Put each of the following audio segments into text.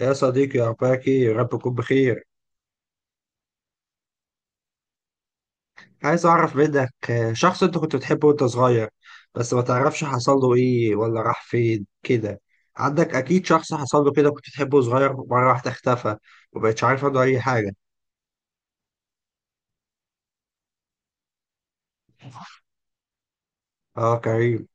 يا صديقي، أخبارك إيه؟ يا رب تكون بخير. عايز أعرف منك شخص أنت كنت بتحبه وأنت صغير، بس ما تعرفش حصل له إيه ولا راح فين كده. عندك أكيد شخص حصل له كده، كنت بتحبه صغير، مرة واحدة اختفى ومبقتش عارف عنه أي حاجة. آه، كريم.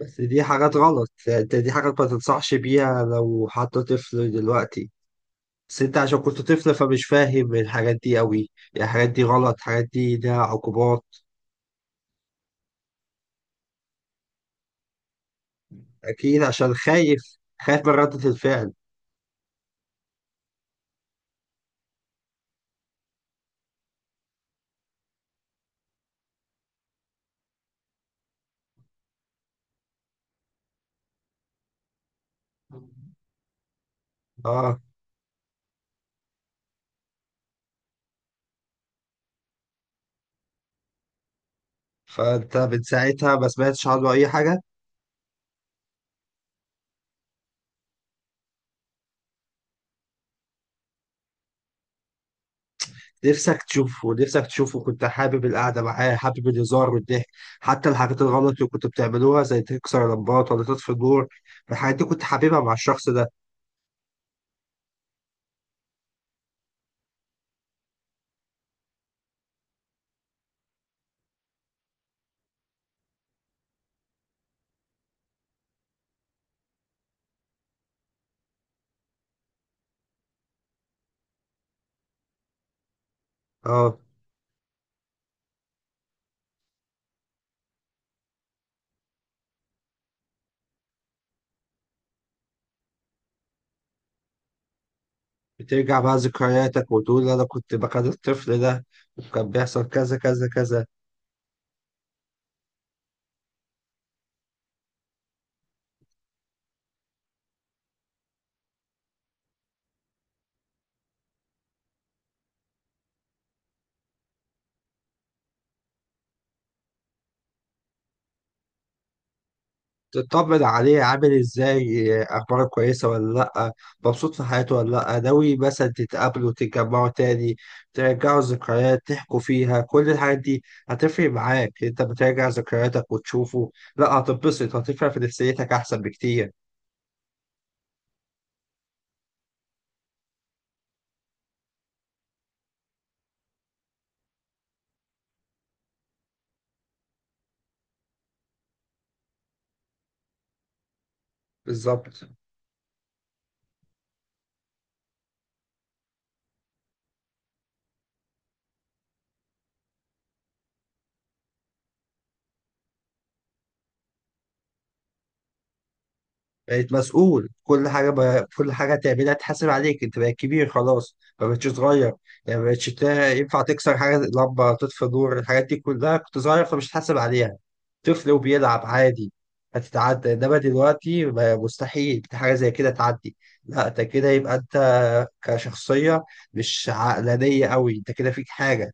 بس دي حاجات غلط، أنت دي حاجات ما تنصحش بيها لو حد طفل دلوقتي. بس أنت عشان كنت طفل فمش فاهم الحاجات دي أوي، يعني الحاجات دي غلط، الحاجات دي ليها عقوبات. أكيد عشان خايف، خايف من ردة الفعل. اه، فانت من ساعتها ما سمعتش عنه اي حاجه؟ نفسك تشوفه، نفسك تشوفه، كنت حابب القعده معاه، حابب الهزار والضحك، حتى الحاجات الغلط اللي كنت بتعملوها زي تكسر لمبات ولا تطفي النور، الحاجات دي كنت حاببها مع الشخص ده. اه، بترجع بقى ذكرياتك وتقول انا كنت بكره الطفل ده، وكان بيحصل كذا كذا كذا. تطمن عليه عامل ازاي، اخباره كويسه ولا لا، مبسوط في حياته ولا لا، ناوي مثلا تتقابلوا تتجمعوا تاني، ترجعوا الذكريات تحكوا فيها كل الحاجات دي. هتفرق معاك انت بتراجع ذكرياتك وتشوفه، لا هتتبسط، هتفرق في نفسيتك احسن بكتير. بالظبط. بقيت مسؤول كل حاجة بقى، كل حاجة تعملها تحاسب عليك، انت بقيت كبير خلاص، ما بقتش صغير. يعني ما بقتش ينفع تكسر حاجة، لمبة تطفي نور، الحاجات دي كلها كنت صغير فمش هتحاسب عليها، طفل وبيلعب عادي، هتتعدى. انما دلوقتي مستحيل حاجة زي كده تعدي، لا انت كده يبقى انت كشخصية مش عقلانية قوي، انت كده فيك حاجة.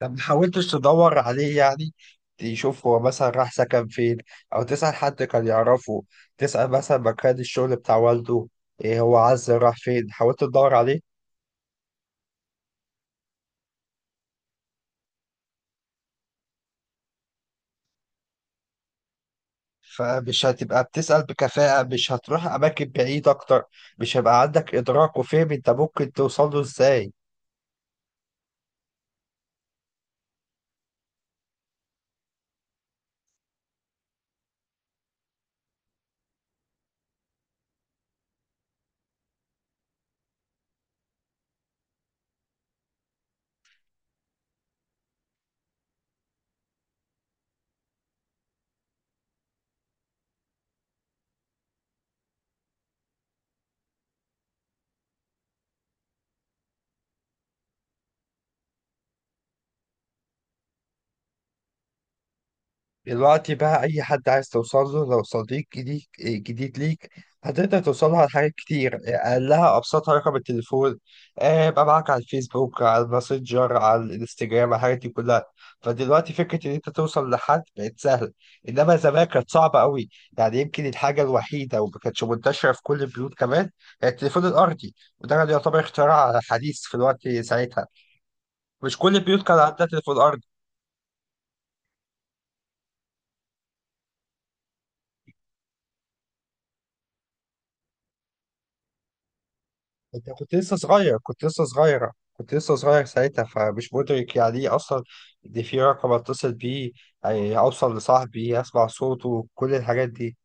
طب ما حاولتش تدور عليه يعني؟ تشوف هو مثلا راح سكن فين، او تسأل حد كان يعرفه، تسأل مثلا مكان الشغل بتاع والده، ايه هو عز راح فين؟ حاولت تدور عليه؟ فمش هتبقى بتسأل بكفاءة، مش هتروح أماكن بعيد أكتر، مش هيبقى عندك إدراك وفهم أنت ممكن توصل له إزاي. دلوقتي بقى أي حد عايز توصل له، لو صديق جديد جديد ليك، هتقدر توصل له على حاجات كتير، أقلها أبسطها رقم التليفون، يبقى معاك على الفيسبوك، على الماسنجر، على الانستجرام، على الحاجات دي كلها. فدلوقتي فكرة إن أنت توصل لحد بقت سهلة، إنما زمان كانت صعبة قوي. يعني يمكن الحاجة الوحيدة وما كانتش منتشرة في كل البيوت كمان هي التليفون الأرضي، وده كان يعتبر اختراع حديث في الوقت ساعتها، مش كل البيوت كان عندها تليفون أرضي. انت كنت لسه صغير، كنت لسه صغيرة، كنت لسه صغير ساعتها فمش مدرك يعني ايه اصلا، ان في رقم اتصل بيه، يعني اوصل لصاحبي اسمع صوته، كل الحاجات دي.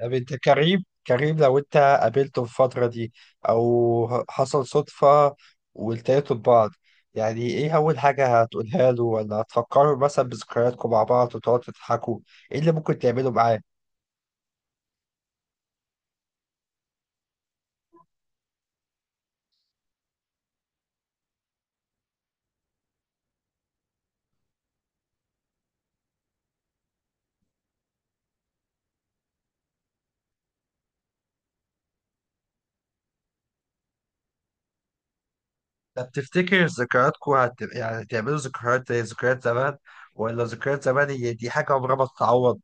طب انت كريم، كريم لو انت قابلته في الفترة دي، او حصل صدفة والتقيتوا ببعض، يعني ايه اول حاجة هتقولها له؟ ولا هتفكروا مثلا بذكرياتكم مع بعض وتقعدوا تضحكوا؟ ايه اللي ممكن تعمله معاه؟ طب تفتكر ذكرياتكم يعني هتعملوا ذكريات زي ذكريات زمان، ولا ذكريات زمان هي دي حاجة عمرها ما تتعوض؟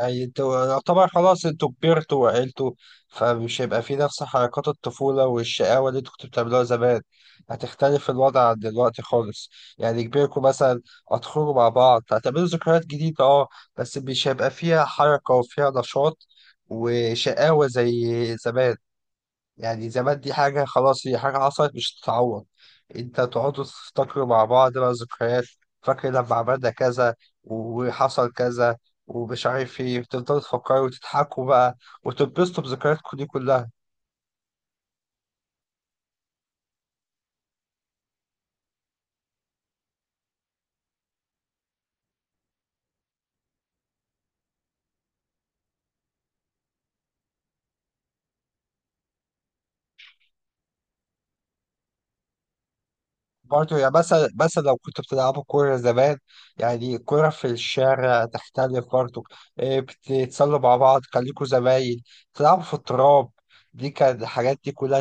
يعني انتوا يعتبر خلاص انتوا كبرتوا وعقلتوا، فمش هيبقى في نفس حركات الطفولة والشقاوة اللي انتوا كنتوا بتعملوها زمان، هتختلف الوضع عن دلوقتي خالص. يعني كبركم مثلا، هتخرجوا مع بعض، هتعملوا ذكريات جديدة، اه، بس مش هيبقى فيها حركة وفيها نشاط وشقاوة زي زمان. يعني زمان دي حاجة خلاص، هي حاجة حصلت مش تتعوض. انت تقعدوا تفتكروا مع بعض بقى ذكريات، فاكر لما عملنا كذا وحصل كذا ومش عارف ايه، تفضلوا تفكروا وتضحكوا بقى وتتبسطوا بذكرياتكم دي كلها. برضه يعني مثلا لو كنتوا بتلعبوا كورة زمان، يعني كورة في الشارع تختلف برضه، إيه، بتتسلوا مع بعض، خليكوا زمايل، تلعبوا في التراب، دي كان الحاجات دي كلها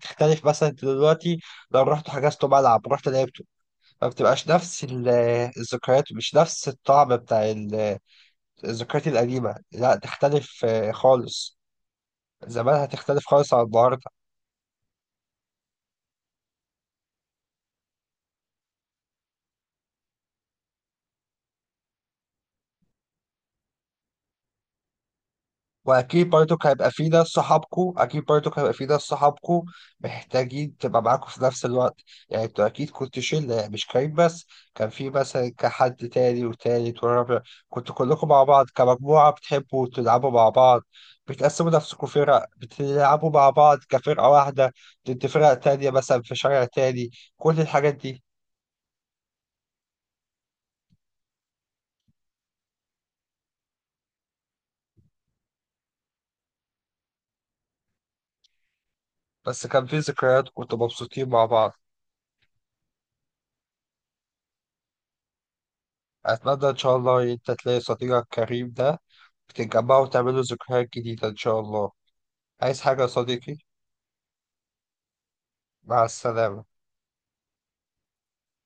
تختلف مثلا دلوقتي لو رحتوا حجزتوا ملعب، رحت لعبت، ما بتبقاش نفس الذكريات، مش نفس الطعم بتاع الذكريات القديمة، لا تختلف، آه، خالص. زمانها تختلف خالص عن النهاردة. واكيد برضك هيبقى في ناس صحابكو، اكيد برضك هيبقى في ناس صحابكو محتاجين تبقى معاكو في نفس الوقت. يعني انتوا اكيد كنتوا شله، يعني مش كريم بس، كان في مثلا كحد تاني وتالت ورابع، كنتوا كلكم مع بعض كمجموعه بتحبوا تلعبوا مع بعض، بتقسموا نفسكم فرق بتلعبوا مع بعض كفرقه واحده ضد فرق تانيه مثلا في شارع تاني، كل الحاجات دي. بس كان في ذكريات كنتوا مبسوطين مع بعض. اتمنى ان شاء الله إن انت تلاقي صديقك كريم ده، تتجمعوا وتعملوا ذكريات جديدة إن شاء الله. عايز حاجة يا صديقي؟ مع السلامة.